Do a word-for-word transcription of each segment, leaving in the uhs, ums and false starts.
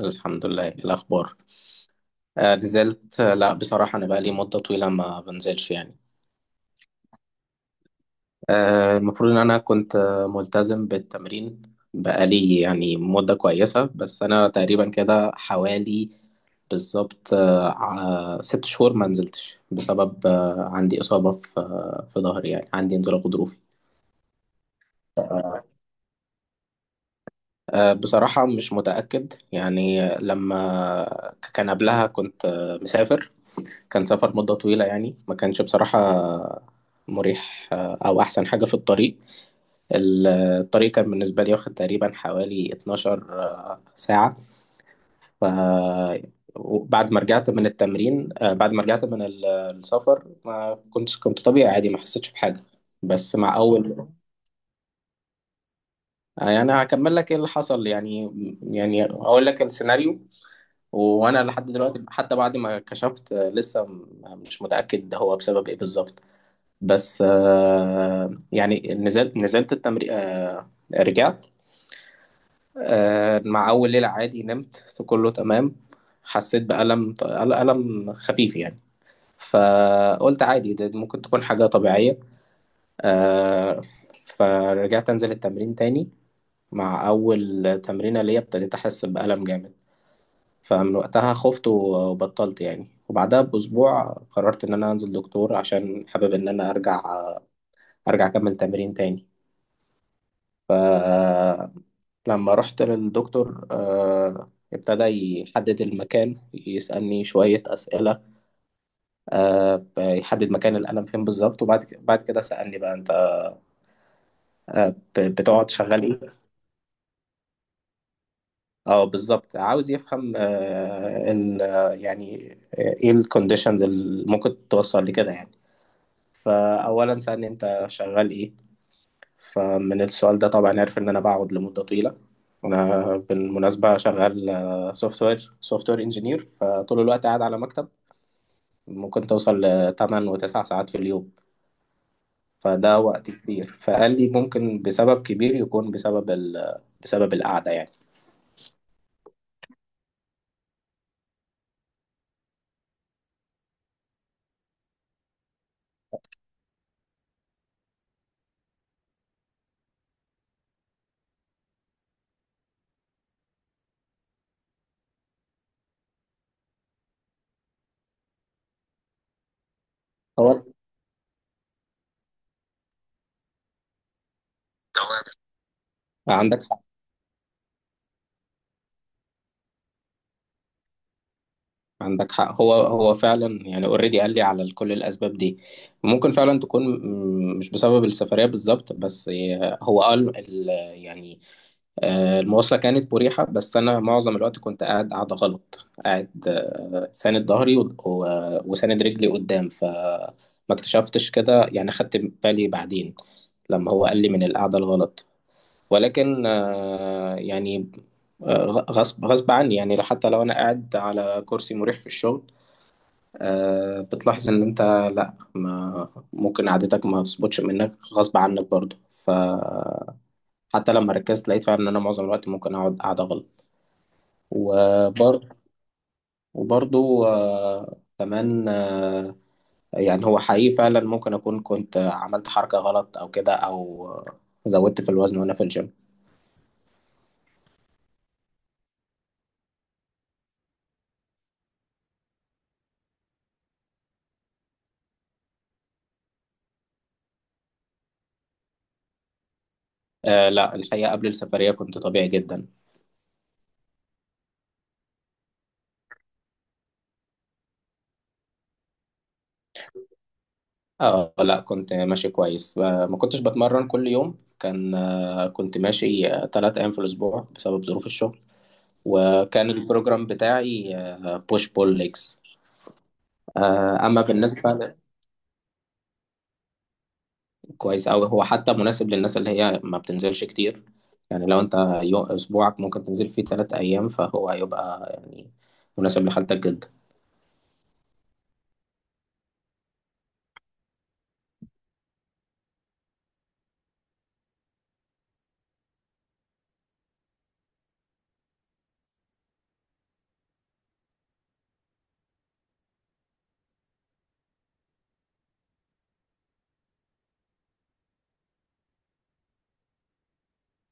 الحمد لله. إيه الأخبار؟ آه نزلت. آه لا، بصراحة أنا بقالي مدة طويلة ما بنزلش يعني. آه المفروض إن أنا كنت آه، ملتزم بالتمرين. بقالي يعني مدة كويسة، بس أنا تقريبا كده حوالي، بالظبط آه ع- ست شهور ما نزلتش بسبب آه عندي إصابة في آه في ظهري، يعني عندي انزلاق غضروفي. آه بصراحة مش متأكد. يعني لما كان قبلها كنت آه، مسافر. كان سفر مدة طويلة، يعني ما كانش بصراحة مريح آه، أو أحسن حاجة في الطريق. ال- الطريق كان بالنسبة لي واخد تقريبا حوالي اتناشر آه، ساعة. ف وبعد ما رجعت من التمرين، آه، بعد ما رجعت من ال- السفر ما كنت كنت طبيعي عادي، ما حسيتش بحاجة. بس مع أول. آه، أنا هكمل لك إيه اللي حصل، يعني يعني أقول لك السيناريو. وأنا لحد دلوقتي، حتى بعد ما كشفت آه، لسه م- مش متأكد ده هو بسبب إيه بالظبط. بس آه يعني نزلت نزلت التمرين. آه رجعت. آه مع أول ليلة عادي نمت، في كله تمام. حسيت بألم ط- ألم خفيف يعني. فقلت عادي، ده ممكن تكون حاجة طبيعية. آه فرجعت أنزل التمرين تاني. مع أول تمرينة ليا ابتديت أحس بألم جامد. فمن وقتها خفت وبطلت يعني، وبعدها بأسبوع قررت إن أنا أنزل دكتور عشان حابب إن أنا أرجع أرجع أكمل تمرين تاني. لما رحت للدكتور آه، ابتدى يحدد المكان، يسألني شوية أسئلة، آه، يحدد مكان الألم فين بالظبط. وبعد ك- بعد كده سألني بقى، أنت آه، ب- بتقعد شغال إيه؟ أه بالظبط، عاوز يفهم آه، ال آه، يعني آه، إيه الكونديشنز اللي ممكن توصل لكده يعني. فأولا سألني، أنت شغال إيه؟ فمن السؤال ده طبعا عرف إن أنا بقعد لمدة طويلة. أنا بالمناسبة شغال سوفت وير سوفت وير إنجينير، فطول الوقت قاعد على مكتب. ممكن توصل لتمن وتسع ساعات في اليوم. فده وقت كبير. فقال لي ممكن بسبب كبير يكون بسبب ال... بسبب القعدة يعني. هو. عندك عندك حق، هو هو فعلا، يعني اوريدي قال لي على كل الاسباب دي. ممكن فعلا تكون م- مش بسبب السفريه بالظبط بس. هو قال ال- يعني آه، المواصله كانت مريحه، بس انا معظم الوقت كنت قاعد قاعده غلط، قاعد آه، ساند ظهري و- و- وساند رجلي قدام، فما اكتشفتش كده يعني. خدت بالي بعدين لما هو قال لي من القعده الغلط. ولكن آه، يعني آه، غصب غصب عني. يعني لو- حتى لو انا قاعد على كرسي مريح في الشغل، آه، بتلاحظ ان انت، لا، ما ممكن قعدتك ما تظبطش، منك غصب عنك برضه. فحتى لما ركزت لقيت فعلا ان انا معظم الوقت ممكن اقعد قاعدة غلط. وبرضه، وبرضه آه، كمان آه، يعني هو حقيقي فعلا ممكن اكون كنت عملت حركة غلط او كده، او زودت في الوزن وانا في الجيم. آه لا، الحقيقة قبل السفرية كنت طبيعي جدا. اه لا، كنت ماشي كويس. آه، ما كنتش بتمرن كل يوم، كان آه، كنت ماشي آه، تلات أيام في الأسبوع بسبب ظروف الشغل. وكان البروجرام بتاعي بوش بول ليجز. أما بالنسبة ل- كويس أوي، هو حتى مناسب للناس اللي هي ما بتنزلش كتير. يعني لو أنت، يو- أسبوعك ممكن تنزل فيه تلات أيام، فهو هيبقى يعني مناسب لحالتك جدا.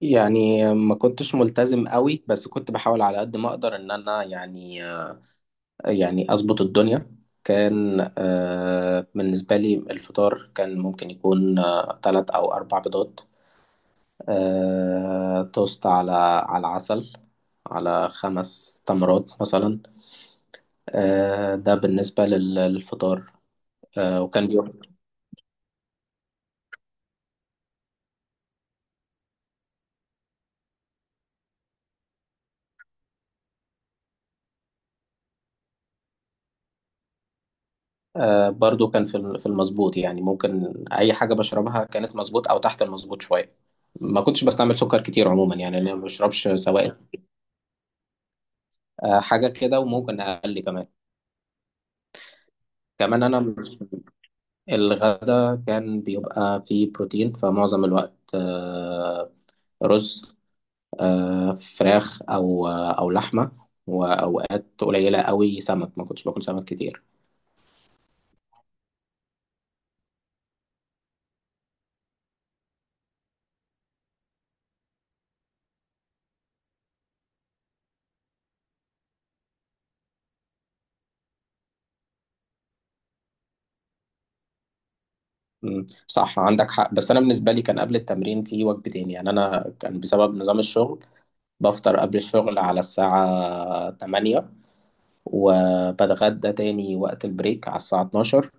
يعني ما كنتش ملتزم قوي، بس كنت بحاول على قد ما أقدر إن أنا يعني آه، يعني أظبط الدنيا. كان آه، بالنسبة لي الفطار كان ممكن يكون آه، تلات أو أربع بيضات، آه، توست، على على عسل، على خمس تمرات مثلا. آه، ده بالنسبة لل- للفطار. آه، وكان بيبقى آه، برضو كان في الم- في المظبوط، يعني ممكن أي حاجة بشربها كانت مظبوط أو تحت المظبوط شوية. ما كنتش بستعمل سكر كتير عموما، يعني أنا ما بشربش سوائل. آه، حاجة كده، وممكن أقل كمان. كمان أنا الغدا كان بيبقى فيه بروتين، فمعظم الوقت آه، رز، آه، فراخ، أو آه، أو لحمة. وأوقات قليلة قوي سمك، ما كنتش باكل سمك كتير. مم، صح، عندك حق. بس أنا بالنسبة لي كان قبل التمرين في وجبتين، يعني أنا كان بسبب نظام الشغل بفطر قبل الشغل على الساعة تمانية، وبتغدى تاني وقت البريك على الساعة الثانية عشرة،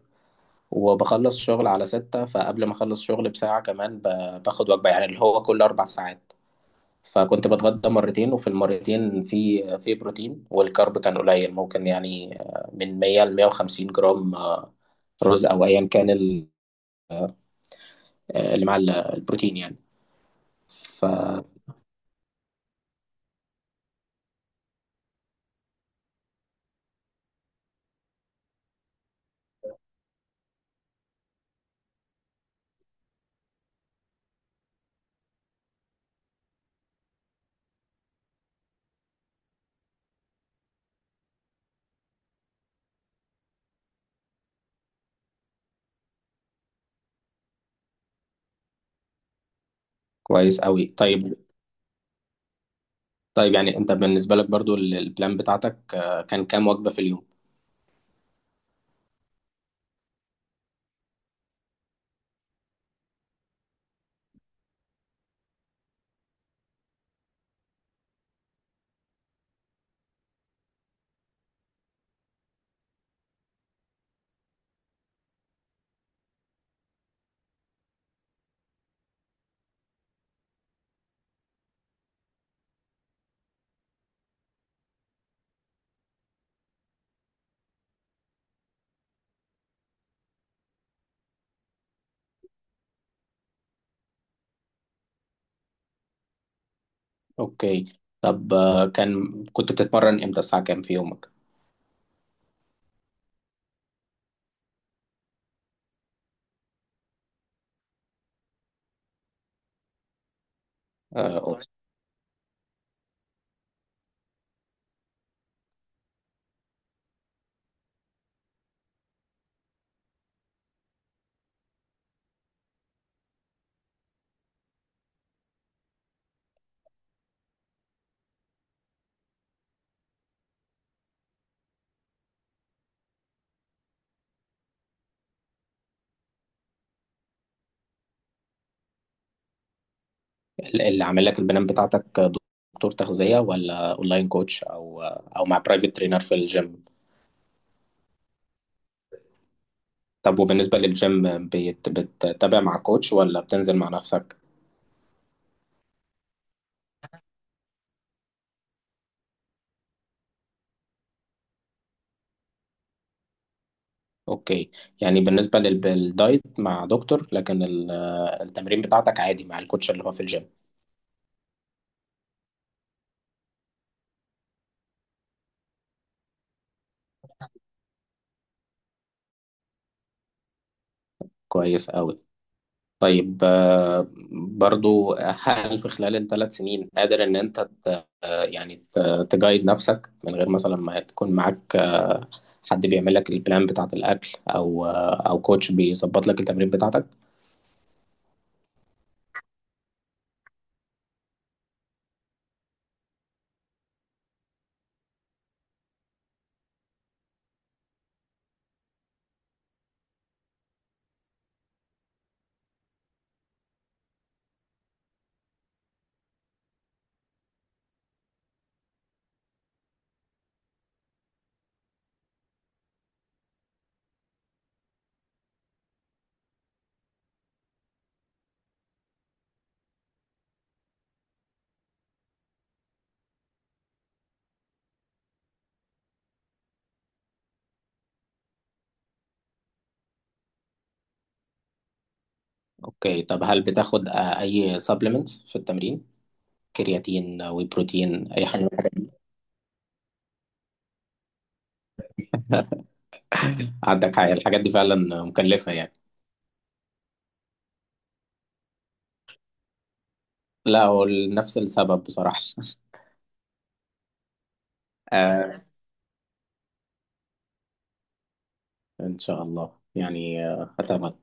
وبخلص شغل على ستة. فقبل ما أخلص شغل بساعة كمان ب- باخد وجبة، يعني اللي هو كل أربع ساعات. فكنت بتغدى مرتين، وفي المرتين في في بروتين، والكارب كان قليل، ممكن يعني آه، من مية ل مية وخمسين جرام آه، رز او ايا كان ال- آه، اللي مع ال- البروتين يعني. فكويس قوي. طيب. طيب يعني انت بالنسبة لك برضو ال- البلان بتاعتك آه، كان كام وجبة في اليوم؟ اوكي. طب آه، كان كنت بتتمرن امتى؟ الساعة كام في يومك؟ آه، ال- اللي عامل لك البلان بتاعتك آه، دكتور تغذية، ولا اونلاين كوتش، او آه، او مع برايفت ترينر في الجيم؟ طب وبالنسبة للجيم، بيت- بتتابع مع كوتش ولا بتنزل مع نفسك؟ اوكي. يعني بالنسبة لل- للدايت مع دكتور، لكن ال- التمرين بتاعتك عادي مع الكوتش اللي هو في الجيم. كويس قوي. طيب، آه، برضو هل في خلال الثلاث سنين قادر ان انت ت- يعني ت- تجايد نفسك، من غير مثلا ما تكون معاك حد بيعمل لك البلان بتاعت الاكل، او او كوتش بيظبط لك التمرين بتاعتك؟ اوكي. طب هل بتاخد آه، اي سبلمنتس في التمرين؟ كرياتين، وي بروتين، اي حاجه؟ عندك حاجه، الحاجات دي فعلا مكلفه يعني. لا، هو نفس السبب بصراحه. آه ان شاء الله. يعني آه هتابع.